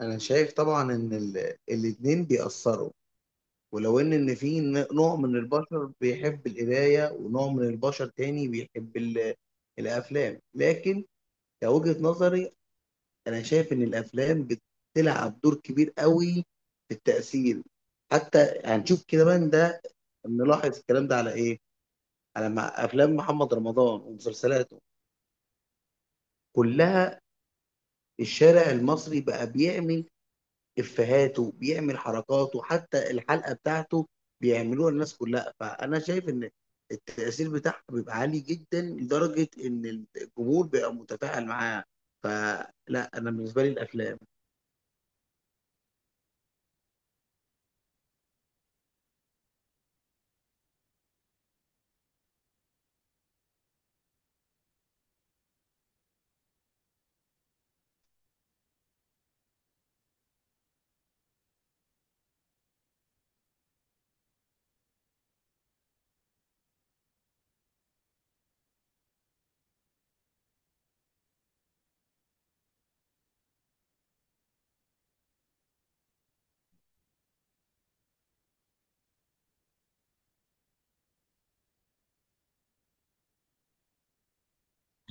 انا شايف طبعا ان الاتنين بيأثروا، ولو ان في نوع من البشر بيحب القرايه، ونوع من البشر تاني بيحب الافلام. لكن كوجهة نظري، انا شايف ان الافلام بتلعب دور كبير قوي في التأثير. حتى هنشوف كده من ده، نلاحظ الكلام ده على ايه؟ على افلام محمد رمضان ومسلسلاته كلها. الشارع المصري بقى بيعمل افهاته، بيعمل حركاته، حتى الحلقه بتاعته بيعملوها الناس كلها. فانا شايف ان التاثير بتاعها بيبقى عالي جدا، لدرجه ان الجمهور بيبقى متفاعل معاه. فلا، انا بالنسبه لي الافلام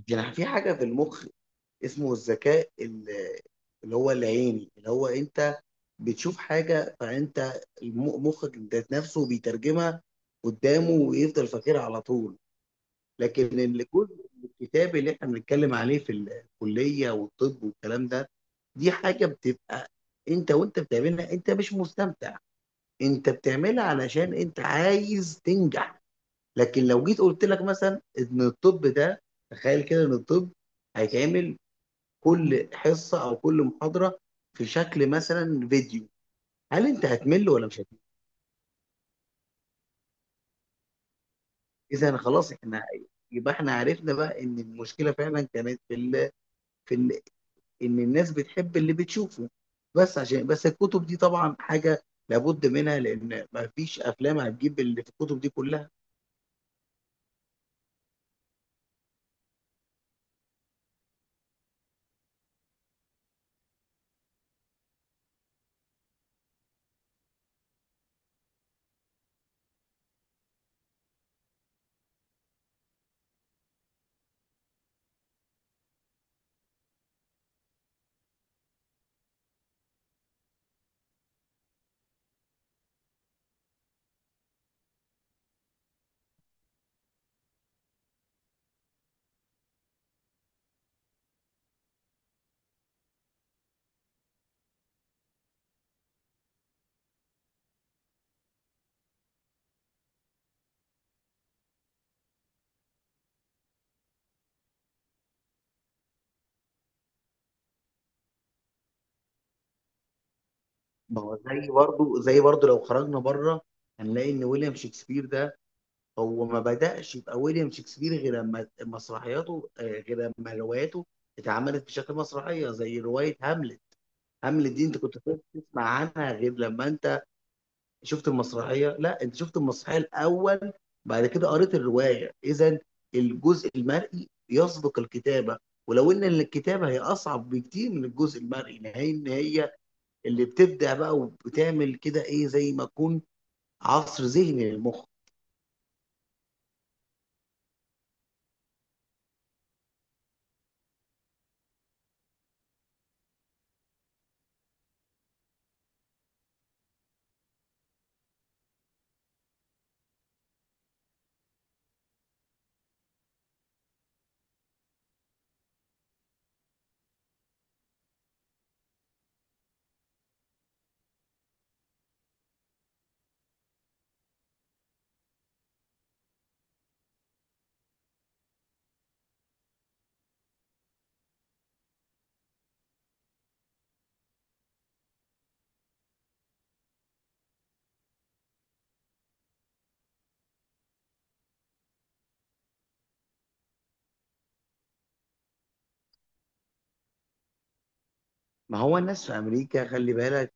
يعني في حاجه في المخ، اسمه الذكاء اللي هو العيني، اللي هو انت بتشوف حاجه فانت مخك ذات نفسه بيترجمها قدامه، ويفضل فاكرها على طول. لكن اللي كل الكتاب اللي احنا بنتكلم عليه في الكليه والطب والكلام ده، دي حاجه بتبقى انت وانت بتعملها انت مش مستمتع، انت بتعملها علشان انت عايز تنجح. لكن لو جيت قلت لك مثلا ان الطب ده، تخيل كده ان الطب هيتعمل كل حصه او كل محاضره في شكل مثلا فيديو، هل انت هتمل ولا مش هتمل؟ اذا خلاص، احنا يبقى احنا عرفنا بقى ان المشكله فعلا كانت في ال ان الناس بتحب اللي بتشوفه. بس عشان بس الكتب دي طبعا حاجه لابد منها، لان ما فيش افلام هتجيب اللي في الكتب دي كلها. ما هو زي برضو لو خرجنا بره، هنلاقي ان ويليام شكسبير ده هو ما بدأش يبقى ويليام شكسبير غير لما مسرحياته، غير لما رواياته اتعملت بشكل مسرحيه زي روايه هاملت. هاملت دي انت كنت تسمع عنها غير لما انت شفت المسرحيه؟ لا، انت شفت المسرحيه الاول، بعد كده قريت الروايه. اذا الجزء المرئي يسبق الكتابه، ولو ان الكتابه هي اصعب بكتير من الجزء المرئي، لان هي اللي بتبدع بقى وبتعمل كده ايه، زي ما تكون عصر ذهني للمخ. ما هو الناس في امريكا، خلي بالك،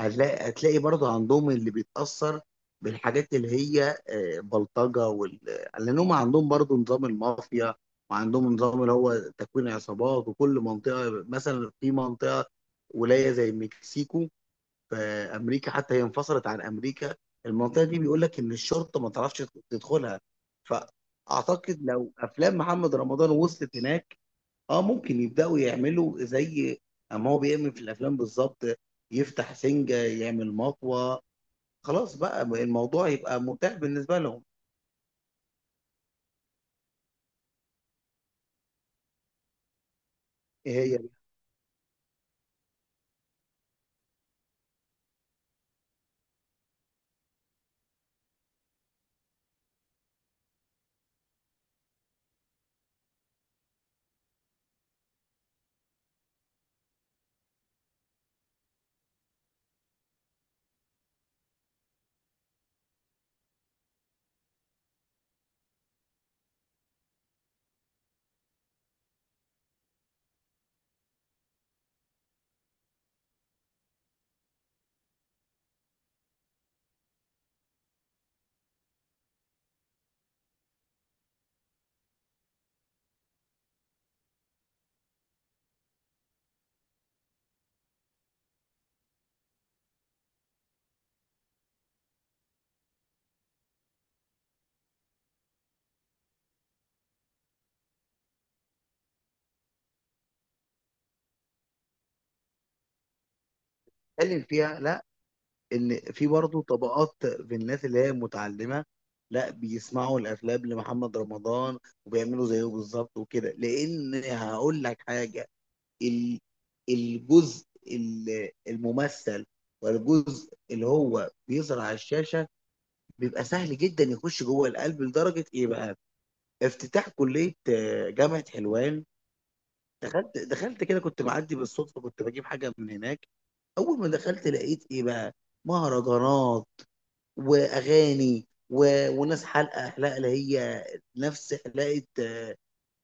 هتلاقي برضه عندهم اللي بيتأثر بالحاجات اللي هي بلطجة وال... لأن هم عندهم برضه نظام المافيا، وعندهم نظام اللي هو تكوين عصابات. وكل منطقة مثلا، في منطقة ولاية زي مكسيكو في أمريكا، حتى هي انفصلت عن أمريكا. المنطقة دي بيقول لك إن الشرطة ما تعرفش تدخلها. فأعتقد لو أفلام محمد رمضان وصلت هناك، اه ممكن يبداوا يعملوا زي اما هو بيعمل في الافلام بالظبط، يفتح سنجه، يعمل مطوه، خلاص بقى الموضوع يبقى متاح بالنسبه لهم. إيه هي بيتكلم فيها؟ لا، ان في برضه طبقات في الناس اللي هي متعلمه، لا بيسمعوا الافلام لمحمد رمضان وبيعملوا زيه بالظبط وكده. لان هقول لك حاجه، ال- الجزء الممثل والجزء اللي هو بيظهر على الشاشه بيبقى سهل جدا يخش جوه القلب، لدرجه ايه بقى. افتتاح كليه، جامعه حلوان، دخلت كده كنت معدي بالصدفه، كنت بجيب حاجه من هناك. اول ما دخلت لقيت ايه بقى، مهرجانات واغاني و... وناس حلقه، اللي هي نفس حلقه،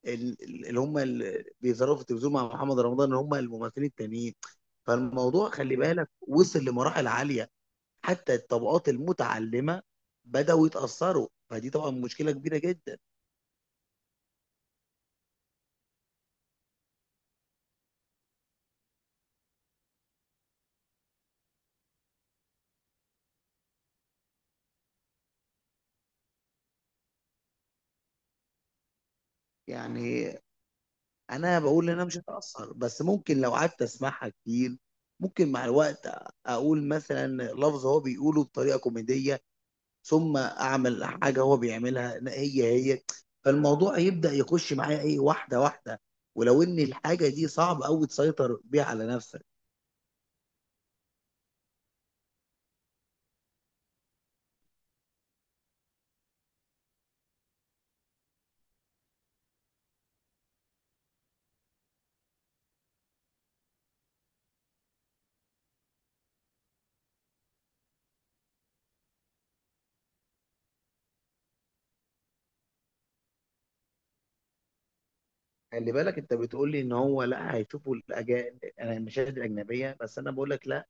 اللي هم اللي بيظهروا في التلفزيون مع محمد رمضان، اللي هم الممثلين التانيين. فالموضوع خلي بالك وصل لمراحل عاليه، حتى الطبقات المتعلمة بدأوا يتأثروا، فدي طبعا مشكلة كبيرة جدا. يعني أنا بقول إن أنا مش هتأثر، بس ممكن لو قعدت أسمعها كتير، ممكن مع الوقت أقول مثلا لفظ هو بيقوله بطريقة كوميدية، ثم أعمل حاجة هو بيعملها هي هي. فالموضوع يبدأ يخش معايا إيه، واحدة واحدة، ولو إن الحاجة دي صعب أوي تسيطر بيها على نفسك. خلي بالك أنت بتقول لي إن هو لا هيشوفوا الأجا... المشاهد الأجنبية، بس أنا بقول لك لا،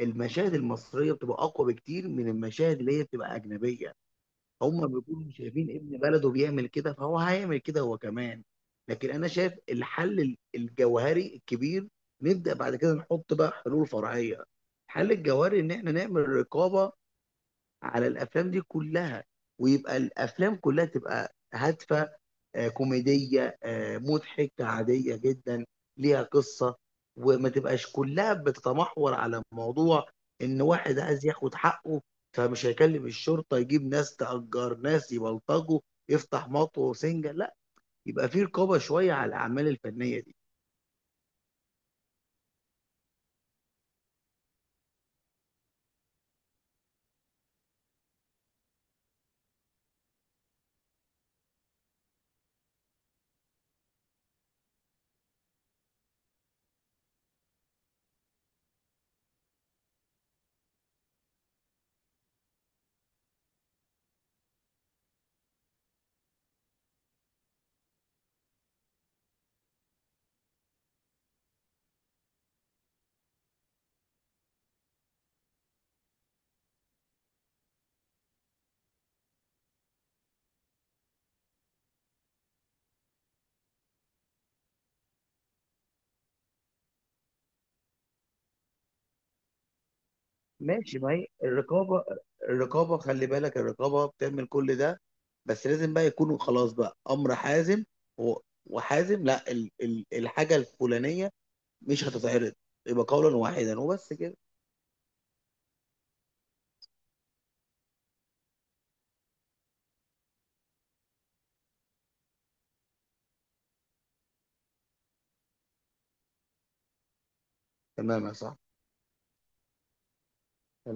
المشاهد المصريه بتبقى اقوى بكتير من المشاهد اللي هي بتبقى اجنبيه. هم بيكونوا شايفين ابن بلده بيعمل كده، فهو هيعمل كده هو كمان. لكن انا شايف الحل الجوهري الكبير، نبدا بعد كده نحط بقى حلول فرعيه. الحل الجوهري ان احنا نعمل رقابه على الافلام دي كلها، ويبقى الافلام كلها تبقى هادفه، كوميديه، مضحكه، عاديه جدا، ليها قصه، وما تبقاش كلها بتتمحور على موضوع ان واحد عايز ياخد حقه، فمش هيكلم الشرطه، يجيب ناس، تأجر ناس يبلطجوا، يفتح مطوه وسنجه. لا، يبقى في رقابه شويه على الاعمال الفنيه دي. ماشي، ما هي الرقابة، الرقابة خلي بالك الرقابة بتعمل كل ده، بس لازم بقى يكونوا خلاص بقى أمر حازم، و- وحازم. لا، الحاجة الفلانية مش هتتعرض، يبقى قولا واحدا وبس كده. تمام يا صاحبي.